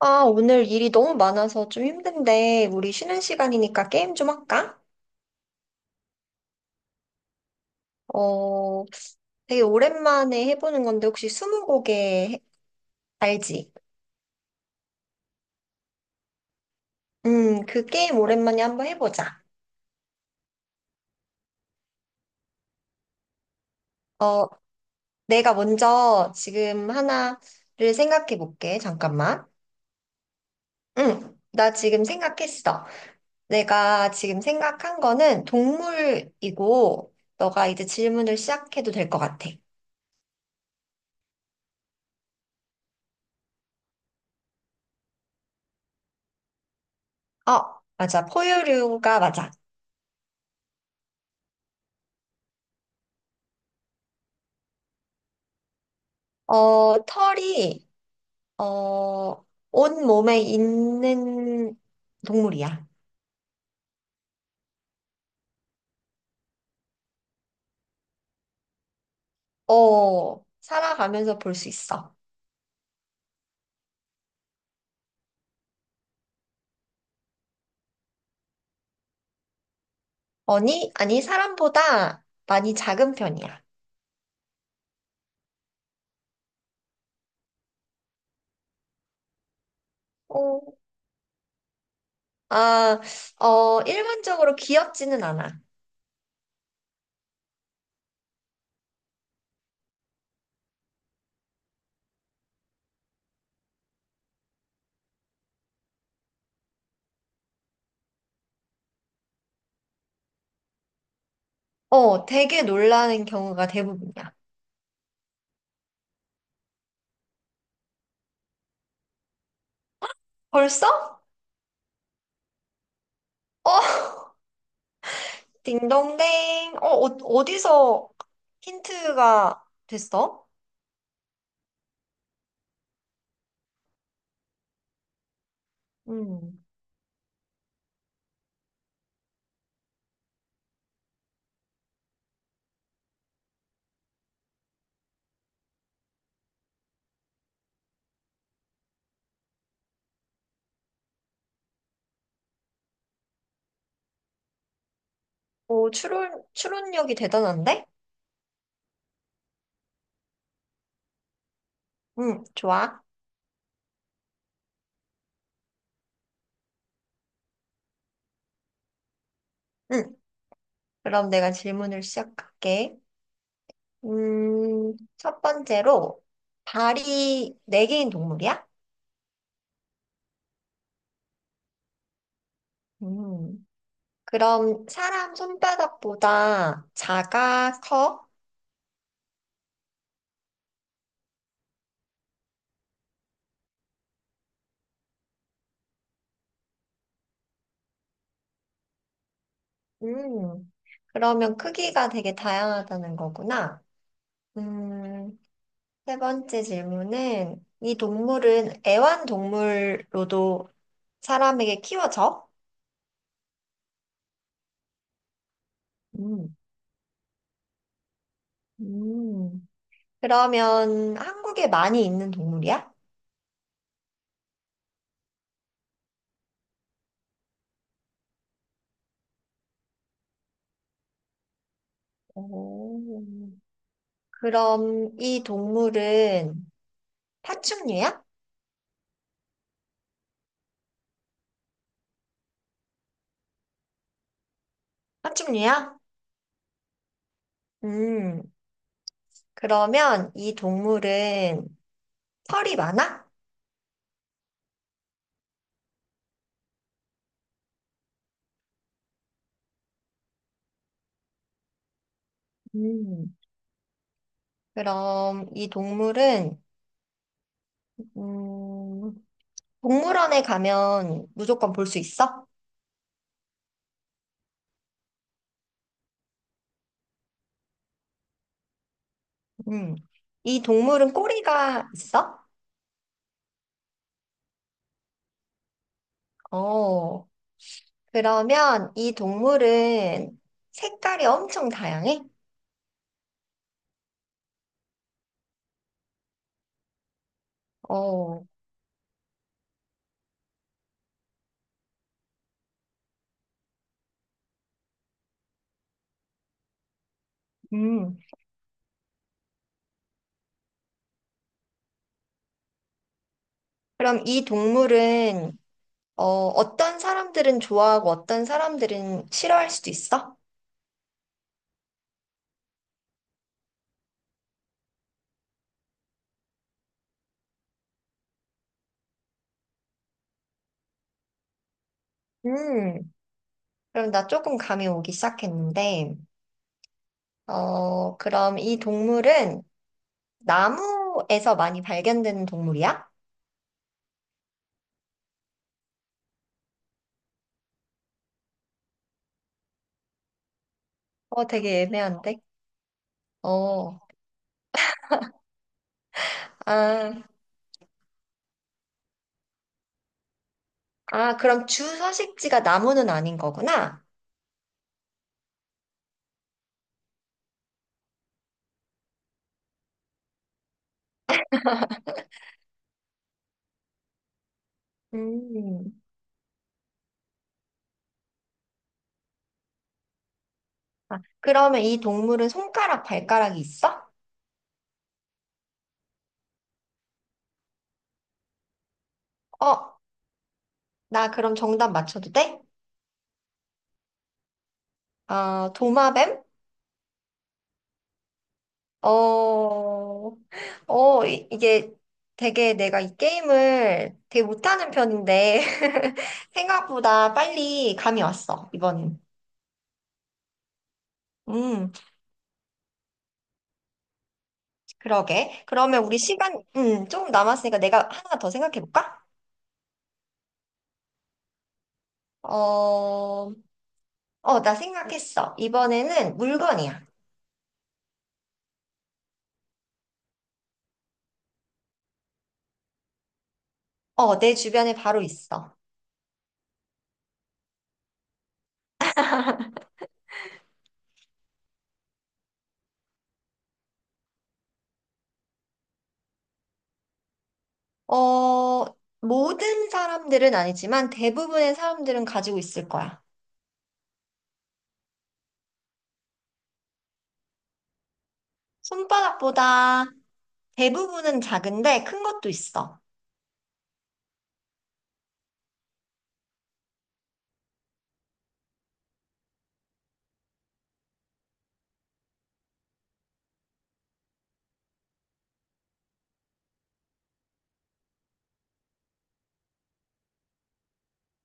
아, 오늘 일이 너무 많아서 좀 힘든데, 우리 쉬는 시간이니까 게임 좀 할까? 어, 되게 오랜만에 해보는 건데, 혹시 스무고개 해- 알지? 그 게임 오랜만에 한번 해보자. 어, 내가 먼저 지금 하나를 생각해 볼게. 잠깐만. 응, 나 지금 생각했어. 내가 지금 생각한 거는 동물이고, 너가 이제 질문을 시작해도 될 것 같아. 어, 맞아. 포유류가 맞아. 어, 털이, 어, 온 몸에 있는 동물이야. 어, 살아가면서 볼 수 있어. 아니, 아니, 사람보다 많이 작은 편이야. 어, 아, 일반적으로 귀엽지는 않아. 되게 놀라는 경우가 대부분이야. 벌써? 어, 딩동댕. 어디서 힌트가 됐어? 음, 오, 추론력이 대단한데? 응, 좋아. 응. 그럼 내가 질문을 시작할게. 첫 번째로, 발이 네 개인 동물이야? 음, 그럼 사람 손바닥보다 작아, 커? 음, 그러면 크기가 되게 다양하다는 거구나. 음, 세 번째 질문은, 이 동물은 애완동물로도 사람에게 키워져? 음, 음, 그러면 한국에 많이 있는 동물이야? 오. 그럼 이 동물은 파충류야? 파충류야? 음, 그러면 이 동물은 털이 많아? 음, 그럼 이 동물은, 음, 동물원에 가면 무조건 볼 수 있어? 음, 이 동물은 꼬리가 있어? 어, 그러면 이 동물은 색깔이 엄청 다양해? 어, 음, 그럼 이 동물은 어떤 사람들은 좋아하고 어떤 사람들은 싫어할 수도 있어? 음, 그럼 나 조금 감이 오기 시작했는데, 그럼 이 동물은 나무에서 많이 발견되는 동물이야? 어, 되게 애매한데? 어, 아, 그럼 주 서식지가 나무는 아닌 거구나? 음, 그러면 이 동물은 손가락, 발가락이 있어? 어, 나 그럼 정답 맞춰도 돼? 도마뱀? 어, 이게 되게 내가 이 게임을 되게 못하는 편인데, 생각보다 빨리 감이 왔어, 이번엔. 음, 그러게. 그러면 우리 시간, 조금 남았으니까 내가 하나 더 생각해볼까? 어, 나 생각했어. 이번에는 물건이야. 어, 내 주변에 바로 있어. 어, 모든 사람들은 아니지만 대부분의 사람들은 가지고 있을 거야. 손바닥보다 대부분은 작은데 큰 것도 있어.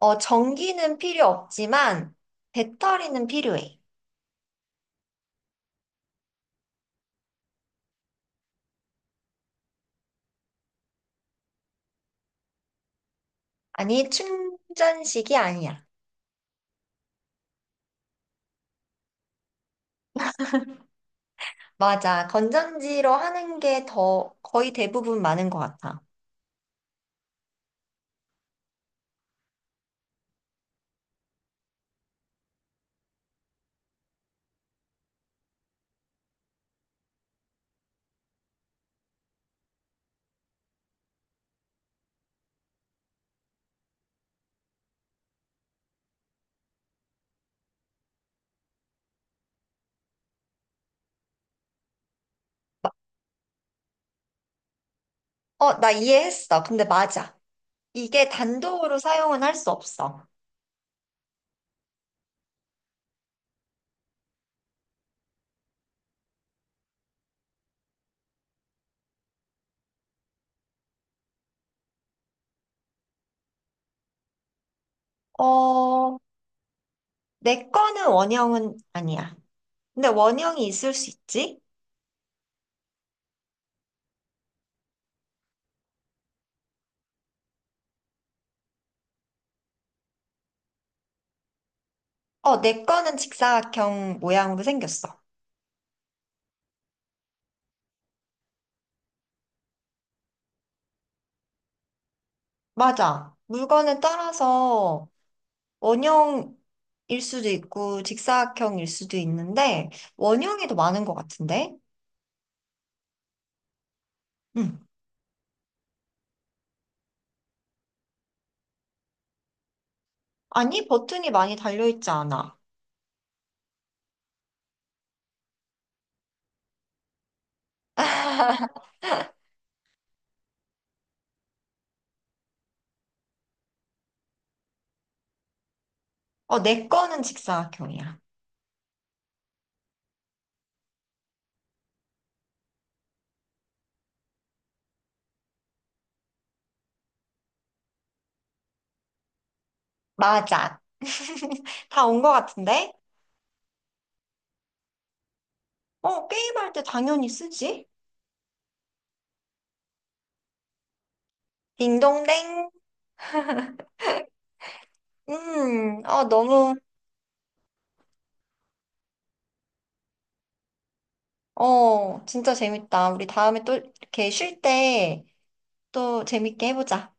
어, 전기는 필요 없지만 배터리는 필요해. 아니, 충전식이 아니야. 맞아. 건전지로 하는 게 더 거의 대부분 많은 것 같아. 어, 나 이해했어. 근데 맞아. 이게 단독으로 사용은 할 수 없어. 어, 내 거는 원형은 아니야. 근데 원형이 있을 수 있지? 어, 내 거는 직사각형 모양으로 생겼어. 맞아. 물건에 따라서 원형일 수도 있고 직사각형일 수도 있는데 원형이 더 많은 것 같은데? 응. 아니, 버튼이 많이 달려있지 않아. 어, 내 거는 직사각형이야. 맞아. 다 온 것 같은데? 어, 게임할 때 당연히 쓰지. 딩동댕. 음, 어, 너무, 진짜 재밌다. 우리 다음에 또 이렇게 쉴 때 또 재밌게 해보자.